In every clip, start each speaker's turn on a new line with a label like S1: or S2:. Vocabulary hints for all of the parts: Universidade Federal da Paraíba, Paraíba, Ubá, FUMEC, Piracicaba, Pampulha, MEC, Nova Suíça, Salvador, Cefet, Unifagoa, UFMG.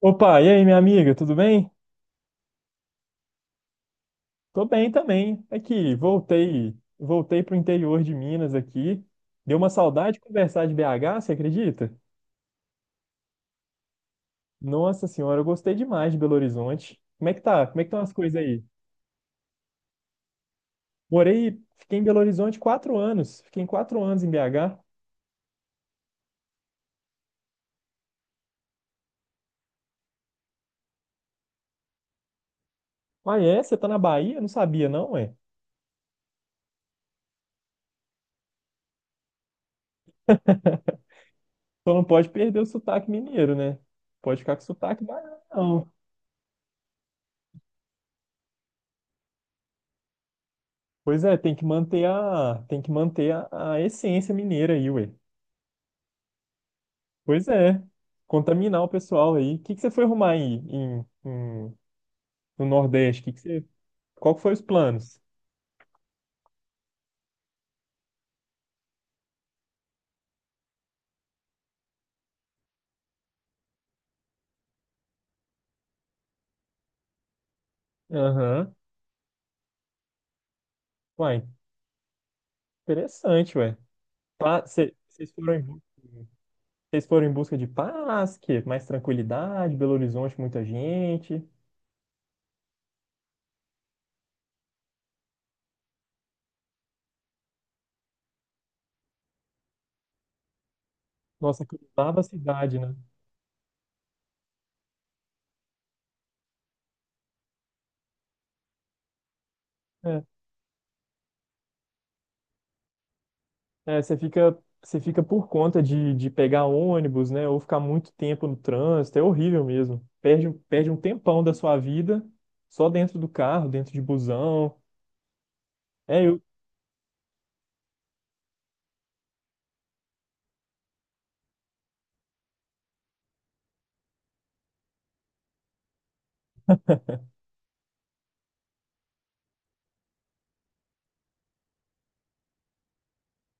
S1: Opa, e aí, minha amiga, tudo bem? Tô bem também. Aqui, voltei pro interior de Minas aqui. Deu uma saudade de conversar de BH, você acredita? Nossa senhora, eu gostei demais de Belo Horizonte. Como é que tá? Como é que estão as coisas aí? Morei, fiquei em Belo Horizonte 4 anos. Fiquei em 4 anos em BH. Ah, é? Você tá na Bahia? Eu não sabia, não, ué. Só não pode perder o sotaque mineiro, né? Pode ficar com sotaque baiano, não. Pois é, tem que manter a a essência mineira aí, ué. Pois é, contaminar o pessoal aí. O que que você foi arrumar aí em- no Nordeste? Qual que foi os planos? Aham. Uai, interessante, ué. Vocês foram em busca de paz, que mais tranquilidade, Belo Horizonte, muita gente. Nossa, que nova cidade, né? É. É, você fica por conta de pegar ônibus, né? Ou ficar muito tempo no trânsito, é horrível mesmo. Perde um tempão da sua vida só dentro do carro, dentro de busão. É, eu,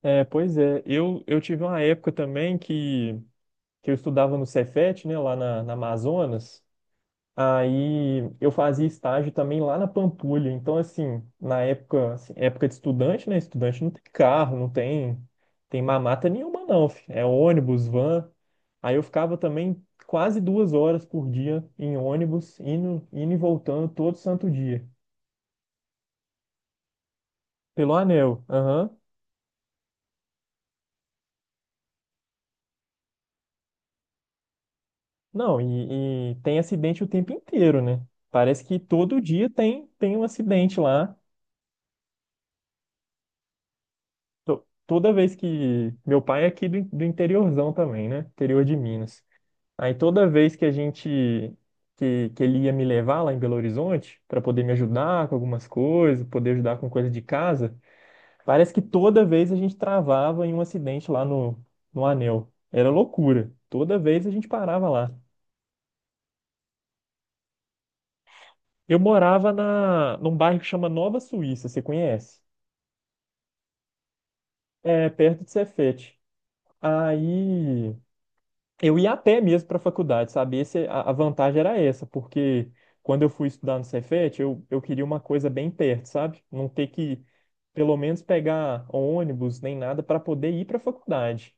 S1: pois é, eu tive uma época também que eu estudava no Cefet, né? Lá na Amazonas. Aí eu fazia estágio também lá na Pampulha. Então, assim, na época, assim, época de estudante, né? Estudante não tem carro, não tem, tem mamata nenhuma, não. fi. É ônibus, van. Aí eu ficava também quase 2 horas por dia em ônibus, indo e voltando todo santo dia. Pelo anel. Aham. Não, e tem acidente o tempo inteiro, né? Parece que todo dia tem um acidente lá. Toda vez que. Meu pai é aqui do interiorzão também, né? Interior de Minas. Aí toda vez que a gente. Que ele ia me levar lá em Belo Horizonte para poder me ajudar com algumas coisas, poder ajudar com coisa de casa, parece que toda vez a gente travava em um acidente lá no Anel. Era loucura. Toda vez a gente parava lá. Eu morava na, num bairro que chama Nova Suíça, você conhece? É perto de Cefete. Aí. Eu ia a pé mesmo para a faculdade, sabe? A vantagem era essa, porque quando eu fui estudar no Cefet, eu queria uma coisa bem perto, sabe? Não ter que, pelo menos, pegar ônibus nem nada para poder ir para a faculdade.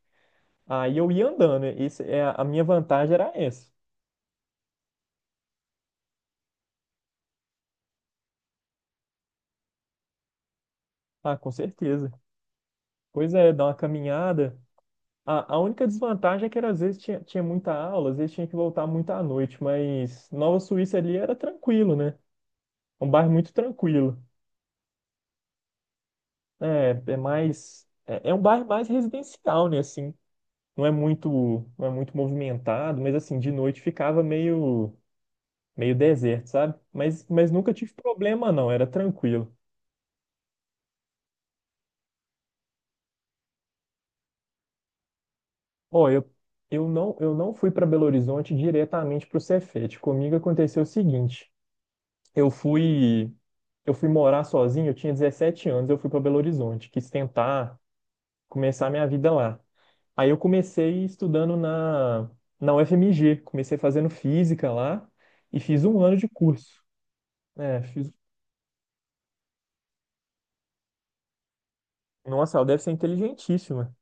S1: Aí eu ia andando, esse, é, a minha vantagem era essa. Ah, com certeza. Pois é, dar uma caminhada. A única desvantagem é que era, às vezes tinha muita aula, às vezes tinha que voltar muito à noite, mas Nova Suíça ali era tranquilo, né? É um bairro muito tranquilo. É mais. É um bairro mais residencial, né? Assim, não é muito, não é muito movimentado, mas assim, de noite ficava meio deserto, sabe? Mas nunca tive problema, não, era tranquilo. Ó, eu não fui para Belo Horizonte diretamente pro Cefete. Comigo aconteceu o seguinte: eu fui, eu fui morar sozinho, eu tinha 17 anos, eu fui para Belo Horizonte, quis tentar começar minha vida lá. Aí eu comecei estudando na UFMG, comecei fazendo física lá e fiz um ano de curso. É, fiz... Nossa, ela deve ser inteligentíssima.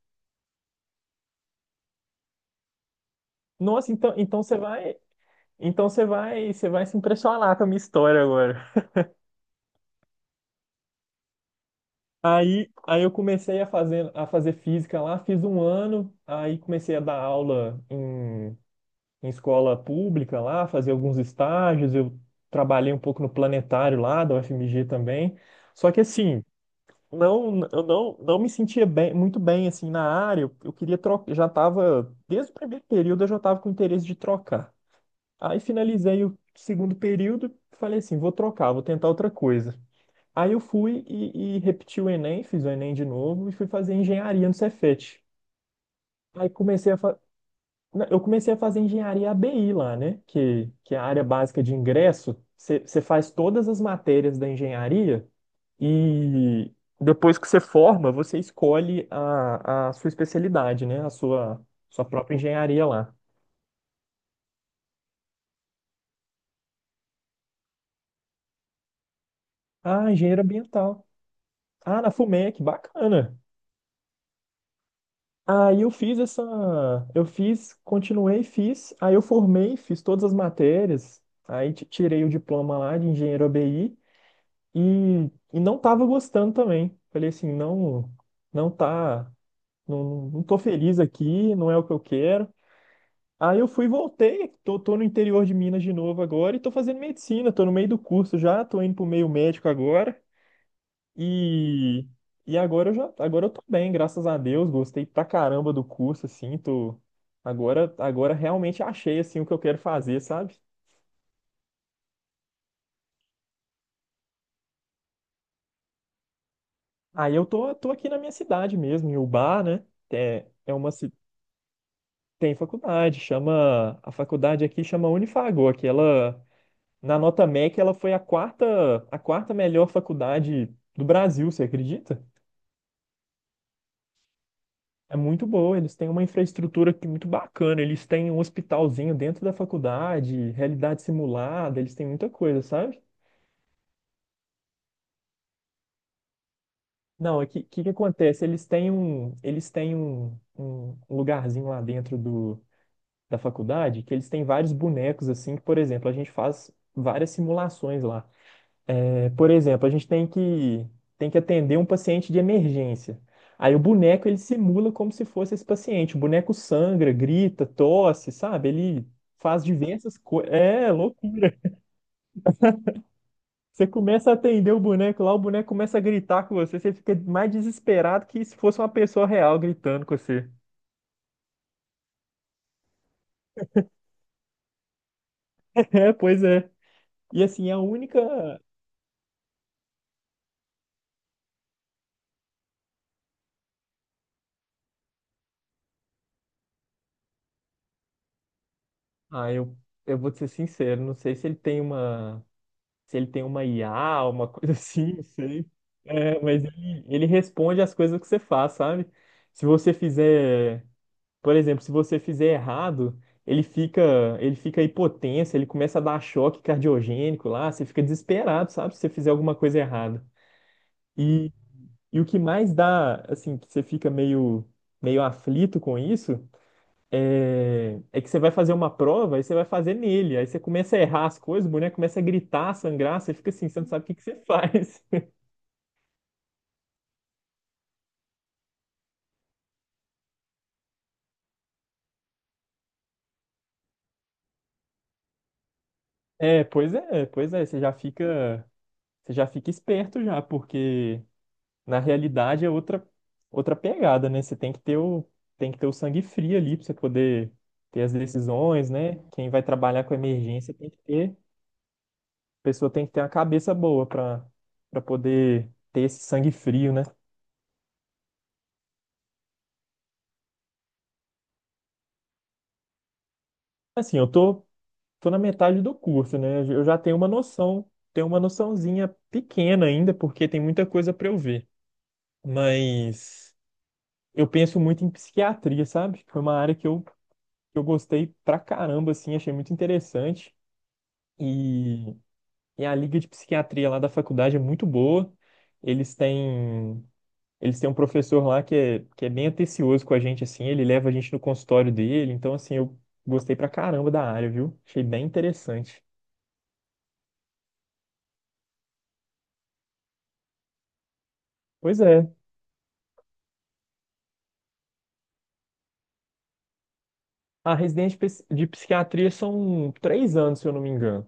S1: Nossa, então você vai se impressionar com a minha história agora. Aí eu comecei a fazer, física lá, fiz um ano, aí comecei a dar aula em escola pública lá, fazer alguns estágios, eu trabalhei um pouco no planetário lá da UFMG também. Só que assim, não, eu não, não me sentia bem, muito bem assim na área. Eu queria trocar, já estava, desde o primeiro período eu já estava com interesse de trocar. Aí finalizei o segundo período, falei assim, vou trocar, vou tentar outra coisa. Aí eu fui e repeti o Enem, fiz o Enem de novo e fui fazer engenharia no Cefet. Aí comecei a fa... na- eu comecei a fazer engenharia ABI lá, né? Que é a área básica de ingresso. Você faz todas as matérias da engenharia e depois que você forma, você escolhe a sua especialidade, né? A sua própria engenharia lá. Ah, engenheiro ambiental. Ah, na FUMEC, bacana. Aí eu fiz essa. Eu fiz, continuei, fiz. Aí eu formei, fiz todas as matérias. Aí tirei o diploma lá de engenheiro ABI e, e não tava gostando também. Falei assim, não, não tá. Não, não tô feliz aqui, não é o que eu quero. Aí eu fui e voltei, tô no interior de Minas de novo agora e tô fazendo medicina, tô no meio do curso já, tô indo pro meio médico agora e, e agora eu tô bem, graças a Deus, gostei pra caramba do curso, assim, agora realmente achei, assim, o que eu quero fazer, sabe? Aí eu tô aqui na minha cidade mesmo, em Ubá, né? É, é uma, ci- Tem faculdade, a faculdade aqui chama Unifagoa. Que ela Na nota MEC, ela foi a quarta melhor faculdade do Brasil, você acredita? É muito boa, eles têm uma infraestrutura aqui muito bacana, eles têm um hospitalzinho dentro da faculdade, realidade simulada, eles têm muita coisa, sabe? Não, que acontece? Eles têm um lugarzinho lá dentro da faculdade que eles têm vários bonecos assim, que, por exemplo, a gente faz várias simulações lá. É, por exemplo, a gente tem que atender um paciente de emergência. Aí o boneco ele simula como se fosse esse paciente. O boneco sangra, grita, tosse, sabe? Ele faz diversas coisas. É loucura. Você começa a atender o boneco lá, o boneco começa a gritar com você, você fica mais desesperado que se fosse uma pessoa real gritando com você. É, pois é. E assim, a única. Ah, eu vou te ser sincero, não sei se ele tem uma IA, uma coisa assim, não sei. É, mas ele responde as coisas que você faz, sabe? Se você fizer, por exemplo, se você fizer errado, ele fica, ele fica hipotenso, ele começa a dar choque cardiogênico lá, você fica desesperado, sabe? Se você fizer alguma coisa errada. E, e o que mais dá, assim, que você fica meio aflito com isso, é que você vai fazer uma prova e você vai fazer nele. Aí você começa a errar as coisas, o boneco começa a gritar, a sangrar, você fica assim, você não sabe o que que você faz. É, pois é, pois é, você já fica esperto já, porque na realidade é outra pegada, né? Você tem que ter o sangue frio ali para você poder ter as decisões, né? Quem vai trabalhar com emergência a pessoa tem que ter uma cabeça boa para poder ter esse sangue frio, né? Assim, eu tô na metade do curso, né? Eu já tenho uma noção, tenho uma noçãozinha pequena ainda, porque tem muita coisa para eu ver, mas eu penso muito em psiquiatria, sabe? Foi uma área que eu gostei pra caramba, assim, achei muito interessante. E, e a liga de psiquiatria lá da faculdade é muito boa. Eles têm, eles têm um professor lá que é bem atencioso com a gente, assim, ele leva a gente no consultório dele. Então, assim, eu gostei pra caramba da área, viu? Achei bem interessante. Pois é. A residência de psiquiatria são 3 anos, se eu não me engano.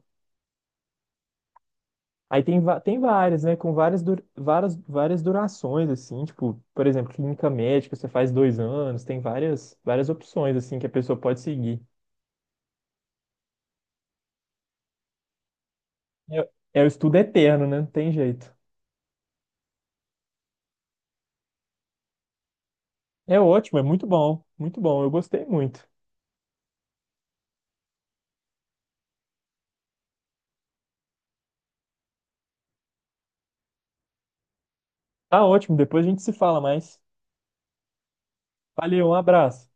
S1: Aí tem várias, né? Com várias durações, assim, tipo, por exemplo, clínica médica, você faz 2 anos, tem várias opções, assim, que a pessoa pode seguir. É o estudo eterno, né? Não tem jeito. É ótimo, é muito bom, eu gostei muito. Tá ótimo, depois a gente se fala mais. Valeu, um abraço.